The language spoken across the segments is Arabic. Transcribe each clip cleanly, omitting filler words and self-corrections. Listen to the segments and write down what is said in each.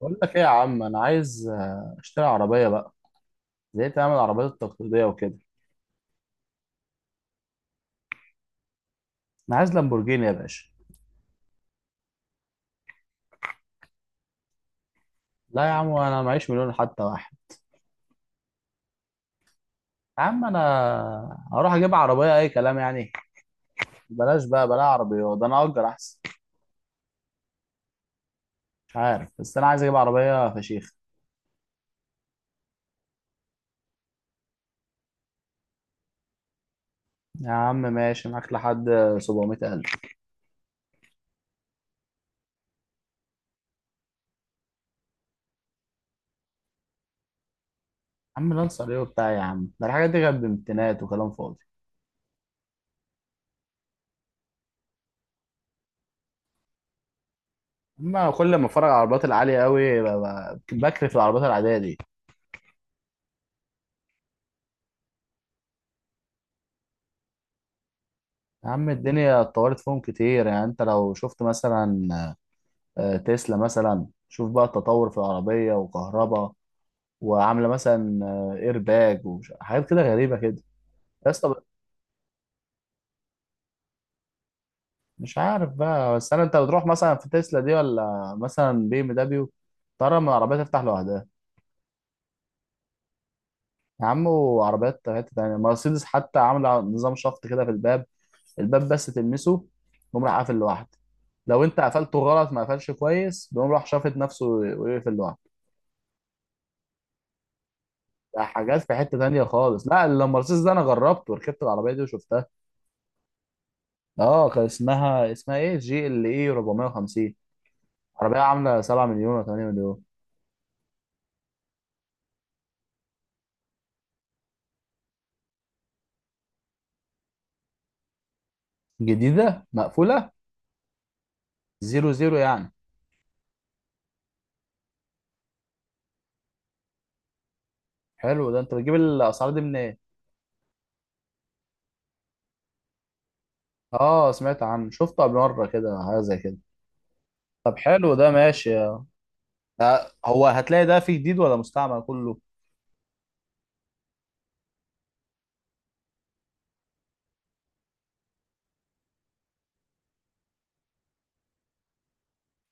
بقول لك ايه يا عم؟ انا عايز اشتري عربيه بقى. زهقت اعمل العربيات التقليديه وكده. انا عايز لامبورجيني يا باشا. لا يا عم، انا معيش مليون حتى واحد. يا عم انا هروح اجيب عربيه اي كلام يعني. بلاش بقى بلا عربيه، ده انا اجر احسن. مش عارف، بس انا عايز اجيب عربيه فشيخ. يا عم ماشي معاك لحد 700000. يا عم لانسر ايه وبتاع يا عم، ده الحاجات دي كانت بامتينات وكلام فاضي. اما كل ما اتفرج على العربيات العاليه قوي، بكرف العربيات العاديه دي. يا عم الدنيا اتطورت فيهم كتير، يعني انت لو شفت مثلا تسلا مثلا، شوف بقى التطور في العربية وكهرباء. وعاملة مثلا ايرباج وحاجات كده غريبة كده. يا اسطى. مش عارف بقى، بس انت بتروح مثلا في تسلا دي ولا مثلا بي ام دبليو؟ ترى من العربية تفتح لوحدها. يا عم، وعربيات حتة تانية مرسيدس حتى عاملة نظام شفط كده في الباب. الباب بس تلمسه، يقوم راح قافل لوحده. لو انت قفلته غلط ما قفلش كويس، بيقوم راح شافط نفسه ويقفل لوحده. ده حاجات في حتة تانية خالص، لا اللامبرسيس ده انا جربت وركبت العربية دي وشفتها. اه، كان اسمها ايه، جي ال اي 450. عربية عاملة 7 مليون ولا 8 مليون. جديدة مقفولة. زيرو زيرو يعني. حلو ده، انت بتجيب الاسعار دي منين؟ اه سمعت عنه، شفته قبل مرة كده حاجة زي كده. طب حلو ده ماشي. هو هتلاقي ده فيه جديد ولا مستعمل كله؟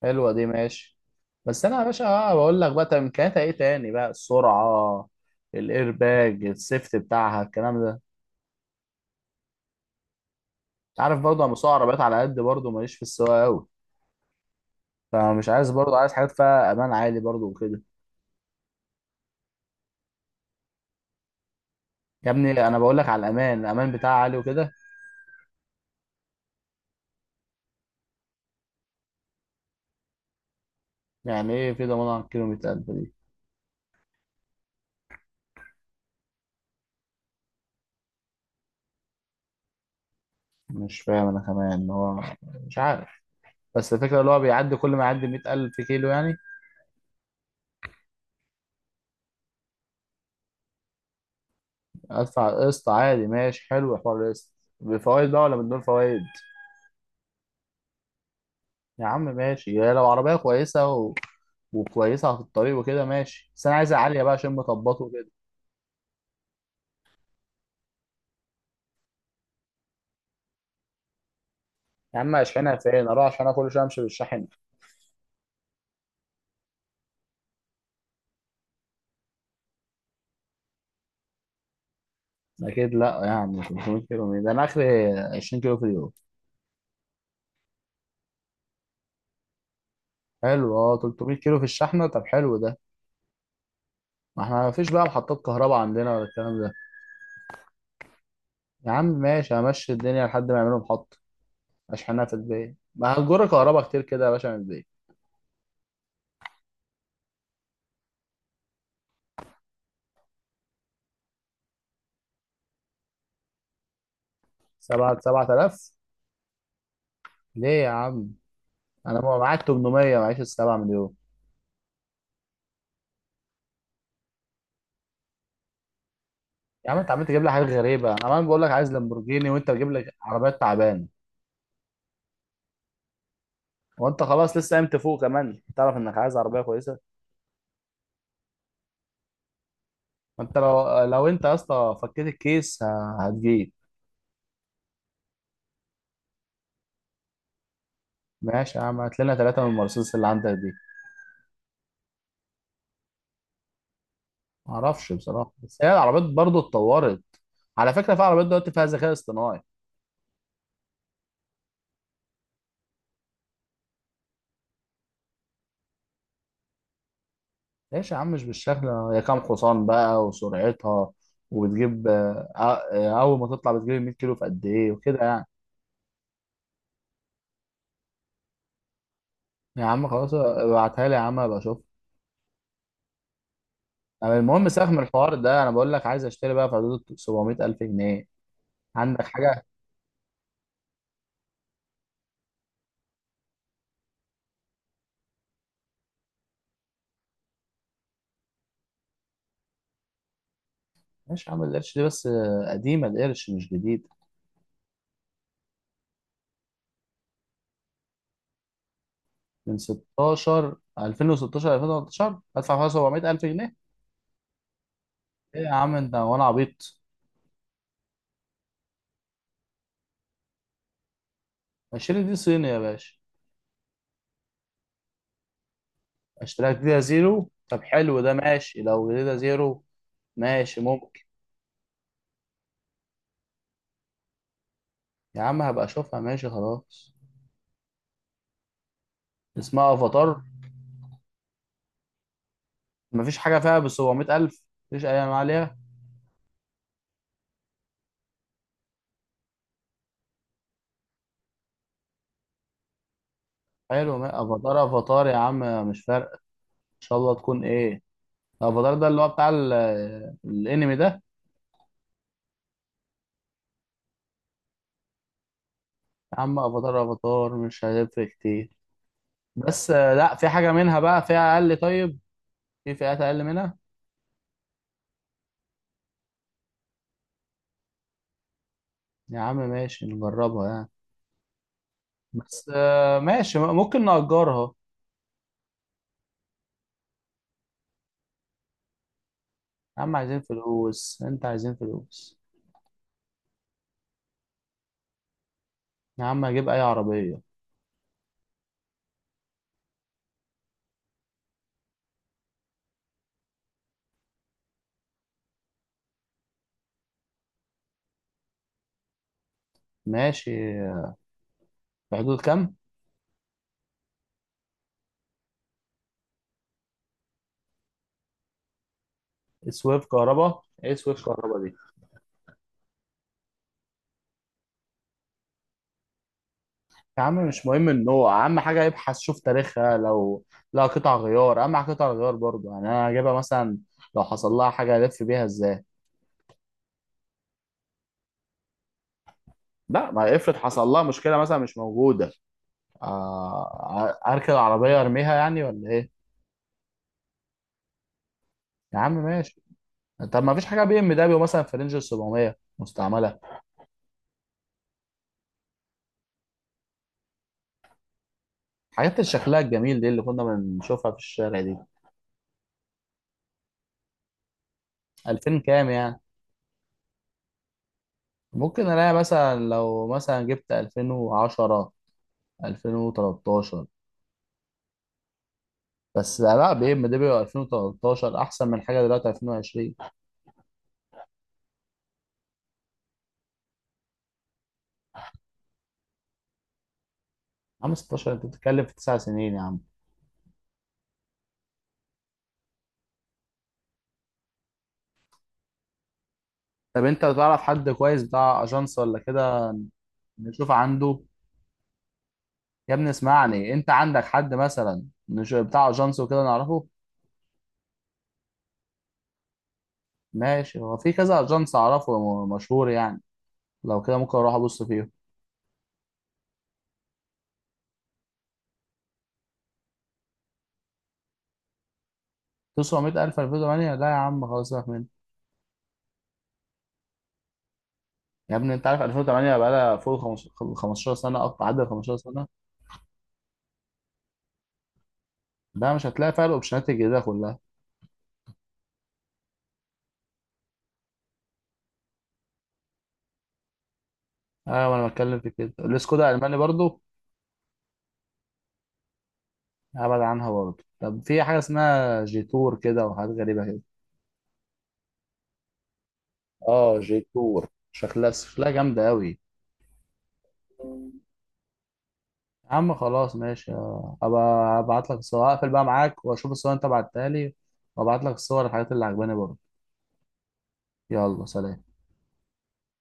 حلوة دي ماشي. بس انا يا باشا، بقول لك بقى، طب امكانياتها ايه تاني بقى؟ السرعة، الايرباج، السيفت بتاعها، الكلام ده. عارف برضه انا بسوق عربيات على قد، برضه ماليش في السواقه قوي. فمش عايز برضه، عايز حاجات فيها امان عالي برضه وكده. يا ابني انا بقول لك على الامان، الامان بتاعها عالي وكده. يعني ايه في ضمان على الكيلومتر 1000 دي؟ مش فاهم انا كمان ان هو مش عارف. بس الفكره اللي هو بيعدي كل ما يعدي 100000 كيلو يعني. ادفع قسط عادي ماشي، حلو حوار القسط. بفوائد بقى ولا من دون فوائد؟ يا عم ماشي يا لو عربيه كويسه وكويسه في الطريق وكده ماشي، بس انا عايز عاليه بقى عشان مطبطه وكده. يا عم اشحنها فين؟ اروح عشان كل شويه امشي بالشحن. اكيد لا، يعني 500 كيلو مين؟ ده انا اخري 20 كيلو في اليوم. حلو اه، 300 كيلو في الشحنه؟ طب حلو ده. ما احنا ما فيش بقى محطات كهرباء عندنا ولا الكلام ده. يا عم ماشي، همشي الدنيا لحد ما يعملوا محطه. اشحنها في البيت ما هتجر كهرباء كتير كده يا باشا من البيت. 7؟ 7000؟ ليه يا عم؟ انا ما معاك 800، معيش ال 7 مليون. يا عم انت عمال تجيب لي حاجات غريبه، انا عمال بقول لك عايز لامبورجيني وانت بتجيب لي عربيات تعبانه. وانت خلاص لسه قايم تفوق، كمان تعرف انك عايز عربيه كويسه. ما انت لو انت يا اسطى فكيت الكيس، هتجيب. ماشي يا عم، هات لنا ثلاثه من المرسيدس اللي عندك دي. ما اعرفش بصراحه، بس هي العربيات برضو اتطورت. على فكره، في عربيات دلوقتي فيها ذكاء اصطناعي. ليش يا عم؟ مش بالشكل، هي كام حصان بقى وسرعتها وبتجيب اول ما تطلع بتجيب 100 كيلو في قد ايه وكده يعني. يا عم خلاص ابعتها لي، يا عم ابقى اشوف. المهم سيبك من الحوار ده، انا بقول لك عايز اشتري بقى في حدود 700 الف جنيه. عندك حاجه؟ ماشي يا عم، القرش دي بس قديمه، القرش مش جديد. من 16، 2016، 2013 هدفع فيها 700000 جنيه؟ ايه يا عم انت وانا عبيط؟ 20 دي صيني يا باشا. اشتريها جديدة زيرو؟ طب حلو ده ماشي لو جديدة زيرو. ماشي ممكن. يا عم هبقى اشوفها، ماشي خلاص. اسمها افاتار. مفيش حاجة فيها بال 700000. مفيش اي انواع عليها. حلو، افاتار افاتار يا عم مش فارقة. ان شاء الله تكون ايه. الافاتار ده اللي هو بتاع الانمي ده. يا عم افاتار افاتار مش هيفرق كتير. بس لا، في حاجة منها بقى فيها أقل؟ طيب، في فئات أقل منها. يا عم ماشي نجربها يعني. بس ماشي ممكن نأجرها. يا عم عايزين فلوس، أنت عايزين فلوس. يا عم أجيب أي عربية. ماشي، في حدود كام؟ سويف كهرباء إيه؟ سويف كهرباء دي؟ يا عم مش مهم النوع، أهم حاجة يبحث شوف تاريخها لو. لا، قطع غيار أهم حاجة، قطع غيار برضه يعني أنا هجيبها مثلا. لو حصل لها حاجة ألف بيها إزاي؟ لا، ما افرض حصل لها مشكلة مثلا مش موجودة. اركن العربيه ارميها يعني ولا ايه؟ يا عم ماشي. طب ما فيش حاجه بي ام دبليو مثلا في رينج ال 700 مستعمله؟ حاجات اللي شكلها الجميل دي اللي كنا بنشوفها في الشارع دي. 2000 كام يعني؟ ممكن الاقي مثلا، لو مثلا جبت 2010، 2013. بس لا، بي ام دبليو 2013 احسن من حاجه دلوقتي 2020 يا عم. 16؟ انت بتتكلم في 9 سنين يا عم. طب انت تعرف حد كويس بتاع اجانس ولا كده؟ نشوف عنده. يا ابني اسمعني، انت عندك حد مثلا مش بتاع اجانس وكده نعرفه؟ ماشي، هو في كذا اجانس اعرفه مشهور يعني. لو كده ممكن اروح ابص فيهم. 900000، 2008؟ لا يا عم خلاص سيبك منه. يا ابني انت عارف 2008 بقى لها فوق ال 15، 15 سنه اكتر، عدى ال 15 سنه. ده مش هتلاقي فيها الاوبشنات الجديده كلها. ايوه، ما انا بتكلم في كده، الاسكودا الالماني برضو. ابعد عنها برضو. طب في حاجه اسمها جيتور كده وحاجات غريبه كده. اه جيتور، شكلها جامده قوي. يا عم خلاص ماشي ابقى ابعت لك الصور، هقفل بقى معاك واشوف الصور اللي انت بعتها لي. وابعت لك الصور الحاجات اللي عجباني برضه. يلا سلام.